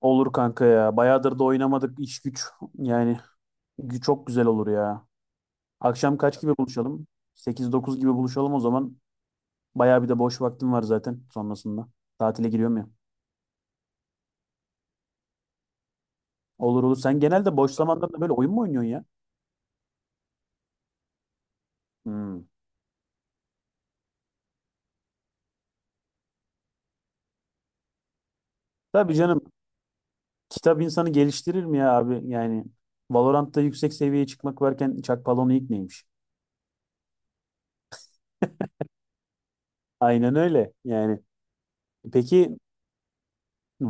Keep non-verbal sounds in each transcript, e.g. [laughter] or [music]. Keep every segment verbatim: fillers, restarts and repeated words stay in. Olur kanka ya. Bayağıdır da oynamadık iş güç. Yani gü- çok güzel olur ya. Akşam kaç gibi buluşalım? Sekiz dokuz gibi buluşalım o zaman. Bayağı bir de boş vaktim var zaten sonrasında. Tatile giriyorum ya. Olur olur. Sen genelde boş zamanlarında böyle oyun mu oynuyorsun ya? Hmm. Tabii canım. Kitap insanı geliştirir mi ya abi? Yani Valorant'ta yüksek seviyeye çıkmak varken Çakpalon'u ilk neymiş? Aynen öyle. Yani peki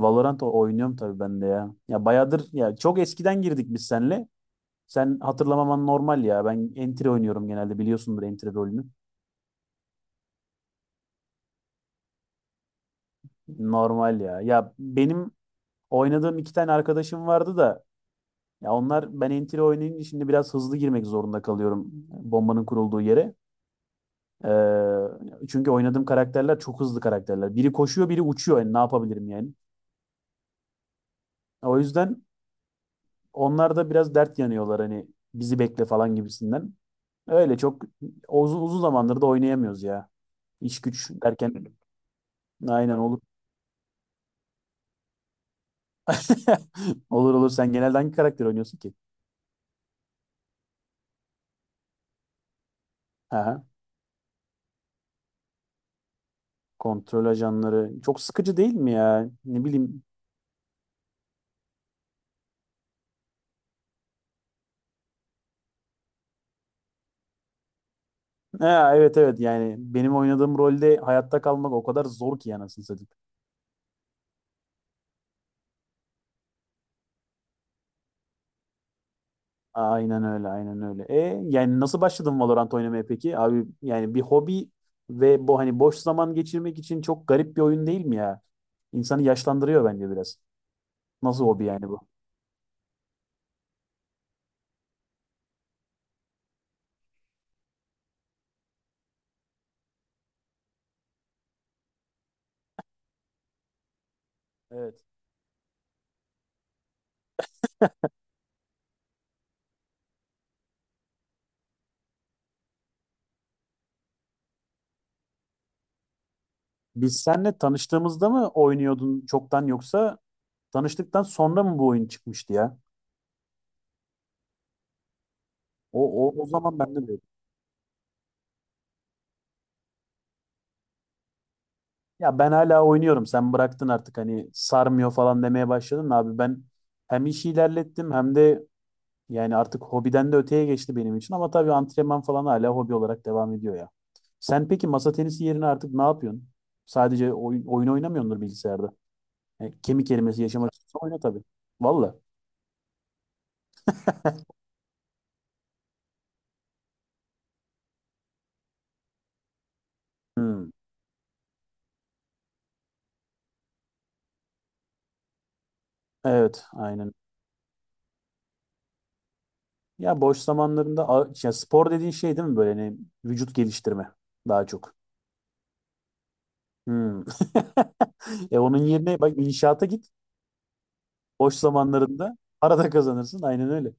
Valorant o- oynuyorum tabii ben de ya. Ya bayağıdır ya çok eskiden girdik biz seninle. Sen hatırlamaman normal ya. Ben entry oynuyorum genelde biliyorsundur entry rolünü. Normal ya. Ya benim oynadığım iki tane arkadaşım vardı da ya onlar ben entry oynayınca şimdi biraz hızlı girmek zorunda kalıyorum bombanın kurulduğu yere. Ee, çünkü oynadığım karakterler çok hızlı karakterler. Biri koşuyor, biri uçuyor. Yani ne yapabilirim yani? O yüzden onlar da biraz dert yanıyorlar hani bizi bekle falan gibisinden. Öyle çok uzun uzun zamandır da oynayamıyoruz ya. İş güç derken aynen [laughs] Olur olur. Sen genelde hangi karakter oynuyorsun ki? Aha. Kontrol ajanları. Çok sıkıcı değil mi ya? Ne bileyim. Ha, evet evet yani benim oynadığım rolde hayatta kalmak o kadar zor ki anasını satayım. Aynen öyle aynen öyle. E yani nasıl başladın Valorant oynamaya peki? Abi yani bir hobi ve bu hani boş zaman geçirmek için çok garip bir oyun değil mi ya? İnsanı yaşlandırıyor bence biraz. Nasıl hobi yani bu? Evet. Biz seninle tanıştığımızda mı oynuyordun çoktan yoksa tanıştıktan sonra mı bu oyun çıkmıştı ya? O, o, o zaman ben de dedim. Ya ben hala oynuyorum. Sen bıraktın artık hani sarmıyor falan demeye başladın da abi. Ben hem işi ilerlettim hem de yani artık hobiden de öteye geçti benim için. Ama tabii antrenman falan hala hobi olarak devam ediyor ya. Sen peki masa tenisi yerine artık ne yapıyorsun? Sadece oyun, oyun oynamıyordur bilgisayarda. E, kemik erimesi yaşamak istiyorsan oyna tabii. Valla. Hmm. Evet, aynen. Ya boş zamanlarında a- ya spor dediğin şey değil mi böyle hani vücut geliştirme daha çok. Hmm. [laughs] E onun yerine bak inşaata git. Boş zamanlarında para da kazanırsın. Aynen öyle.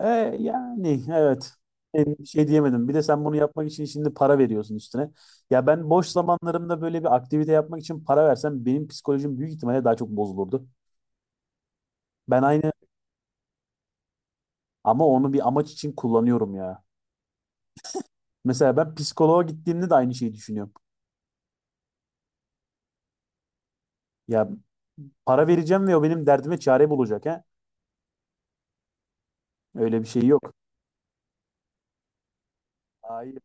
E, yani evet. E, bir şey diyemedim. Bir de sen bunu yapmak için şimdi para veriyorsun üstüne. Ya ben boş zamanlarımda böyle bir aktivite yapmak için para versem benim psikolojim büyük ihtimalle daha çok bozulurdu. Ben aynı ama onu bir amaç için kullanıyorum ya. Mesela ben psikoloğa gittiğimde de aynı şeyi düşünüyorum. Ya para vereceğim ve o benim derdime çare bulacak ha. Öyle bir şey yok. Hayır.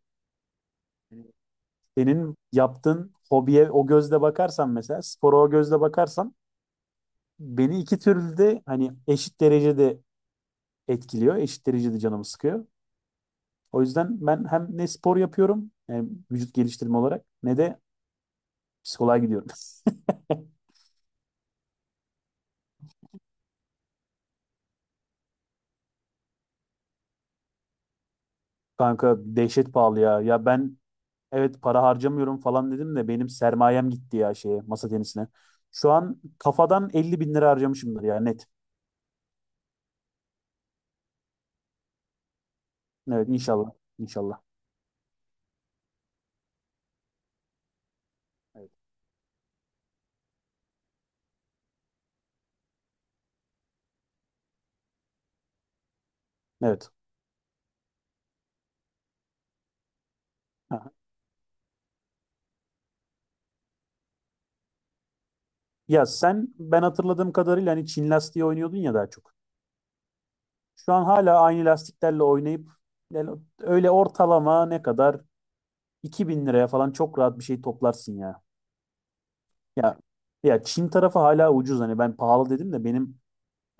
Senin yaptığın hobiye o gözle bakarsan mesela spora o gözle bakarsan beni iki türlü de hani eşit derecede etkiliyor. Eşit derecede canımı sıkıyor. O yüzden ben hem ne spor yapıyorum yani vücut geliştirme olarak ne de psikoloğa gidiyorum. [laughs] Kanka dehşet pahalı ya. Ya ben evet para harcamıyorum falan dedim de benim sermayem gitti ya şeye masa tenisine. Şu an kafadan elli bin lira harcamışımdır ya net. Evet inşallah. İnşallah. Evet. Evet. Aha. Ya sen ben hatırladığım kadarıyla hani Çin lastiği oynuyordun ya daha çok. Şu an hala aynı lastiklerle oynayıp yani öyle ortalama ne kadar iki bin liraya falan çok rahat bir şey toplarsın ya. Ya ya Çin tarafı hala ucuz hani ben pahalı dedim de benim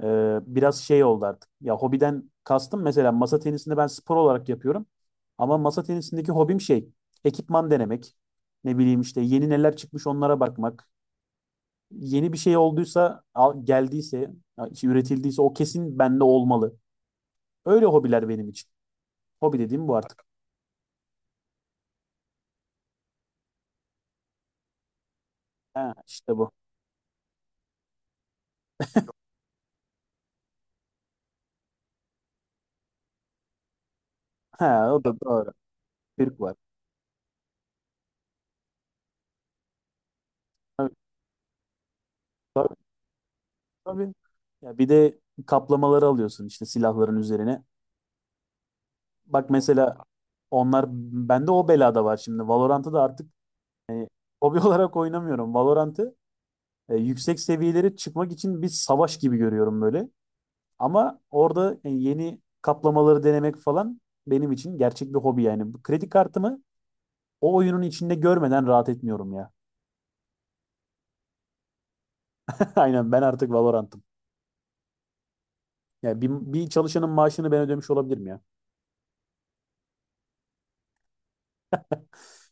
e, biraz şey oldu artık. Ya hobiden kastım mesela masa tenisini ben spor olarak yapıyorum. Ama masa tenisindeki hobim şey ekipman denemek. Ne bileyim işte yeni neler çıkmış onlara bakmak. Yeni bir şey olduysa, al- geldiyse, ya işte üretildiyse o kesin bende olmalı. Öyle hobiler benim için. Hobi dediğim bu artık. Ha, işte bu. Ha, o da doğru. Türk var. Tabii, tabii, tabii. Ya bir de kaplamaları alıyorsun işte silahların üzerine. Bak mesela onlar bende o belada var şimdi. Valorant'ı da artık e, hobi [laughs] olarak oynamıyorum. Valorant'ı e, yüksek seviyelere çıkmak için bir savaş gibi görüyorum böyle. Ama orada yani yeni kaplamaları denemek falan benim için gerçek bir hobi yani. Bu kredi kartımı o oyunun içinde görmeden rahat etmiyorum ya. [laughs] Aynen ben artık Valorant'ım. Yani bir, bir çalışanın maaşını ben ödemiş olabilirim ya.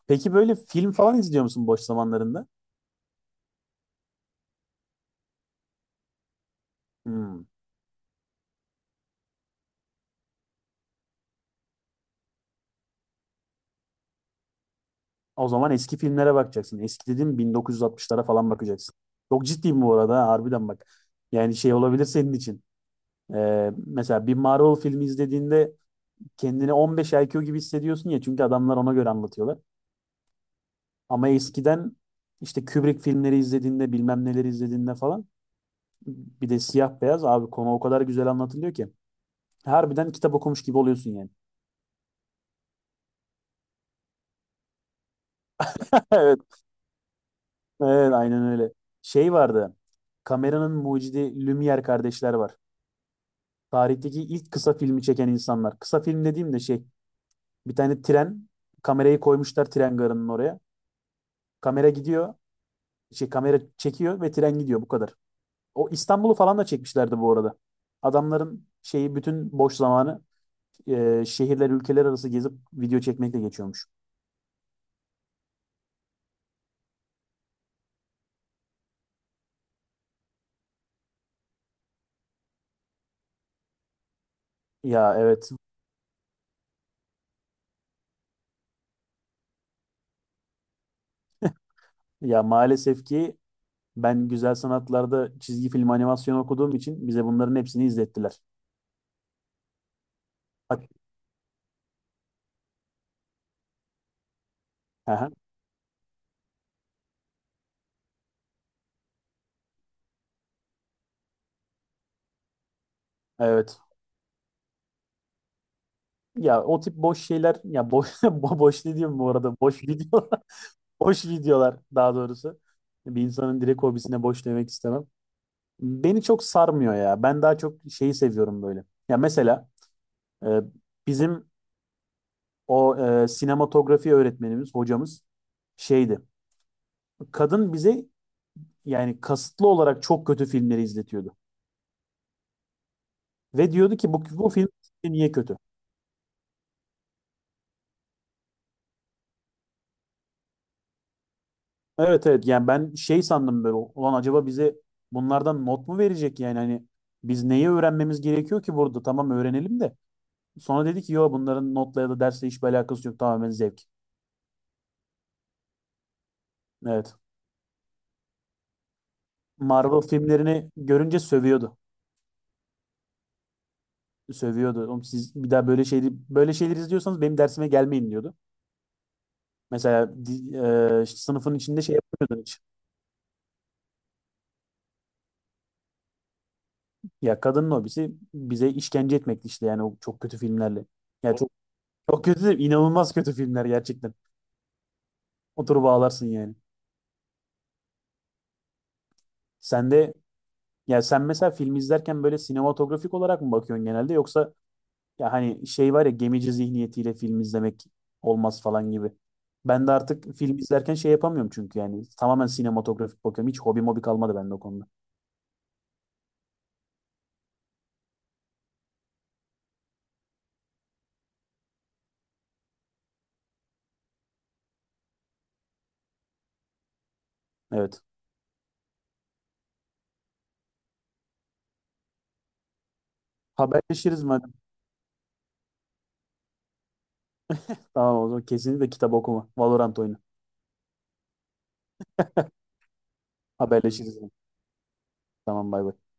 Peki böyle film falan izliyor musun boş zamanlarında? Hmm. O zaman eski filmlere bakacaksın. Eski dediğim bin dokuz yüz altmışlara falan bakacaksın. Çok ciddiyim bu arada ha, harbiden bak. Yani şey olabilir senin için. Ee, mesela bir Marvel filmi izlediğinde kendini on beş I Q gibi hissediyorsun ya çünkü adamlar ona göre anlatıyorlar. Ama eskiden işte Kubrick filmleri izlediğinde bilmem neleri izlediğinde falan bir de siyah beyaz abi konu o kadar güzel anlatılıyor ki. Harbiden kitap okumuş gibi oluyorsun yani. [laughs] Evet, evet aynen öyle. Şey vardı. Kameranın mucidi Lumière kardeşler var. Tarihteki ilk kısa filmi çeken insanlar. Kısa film dediğim de şey bir tane tren kamerayı koymuşlar tren garının oraya. Kamera gidiyor. Şey kamera çekiyor ve tren gidiyor bu kadar. O İstanbul'u falan da çekmişlerdi bu arada. Adamların şeyi bütün boş zamanı e, şehirler ülkeler arası gezip video çekmekle geçiyormuş. Ya evet. Ya maalesef ki ben güzel sanatlarda çizgi film animasyon okuduğum için bize bunların hepsini izlettiler. Bak, aha, evet. Ya o tip boş şeyler ya boş [laughs] bo- boş ne diyorum bu arada? Boş videolar. [laughs] Boş videolar daha doğrusu. Bir insanın direkt hobisine boş demek istemem. Beni çok sarmıyor ya. Ben daha çok şeyi seviyorum böyle. Ya mesela e, bizim o e, sinematografi öğretmenimiz, hocamız şeydi. Kadın bize yani kasıtlı olarak çok kötü filmleri izletiyordu. Ve diyordu ki bu, bu film sizce niye kötü? Evet evet yani ben şey sandım böyle ulan acaba bize bunlardan not mu verecek yani hani biz neyi öğrenmemiz gerekiyor ki burada tamam öğrenelim de. Sonra dedi ki yo bunların notla ya da dersle hiçbir alakası yok tamamen zevk. Evet. Marvel filmlerini görünce sövüyordu. Sövüyordu. Oğlum siz bir daha böyle şeyleri böyle şeyleri izliyorsanız benim dersime gelmeyin diyordu. Mesela di- e, sınıfın içinde şey yapmıyordun hiç. Ya kadının hobisi bize işkence etmekti işte yani o çok kötü filmlerle. Ya çok çok kötü değil, inanılmaz kötü filmler gerçekten. Oturup ağlarsın yani. Sen de ya sen mesela film izlerken böyle sinematografik olarak mı bakıyorsun genelde yoksa ya hani şey var ya gemici zihniyetiyle film izlemek olmaz falan gibi. Ben de artık film izlerken şey yapamıyorum çünkü yani tamamen sinematografik bakıyorum. Hiç hobi mobi kalmadı bende o konuda. Evet. Haberleşiriz madem. Tamam o zaman kesinlikle kitap okuma. Valorant oyunu. Haberleşiriz. Tamam bay bay.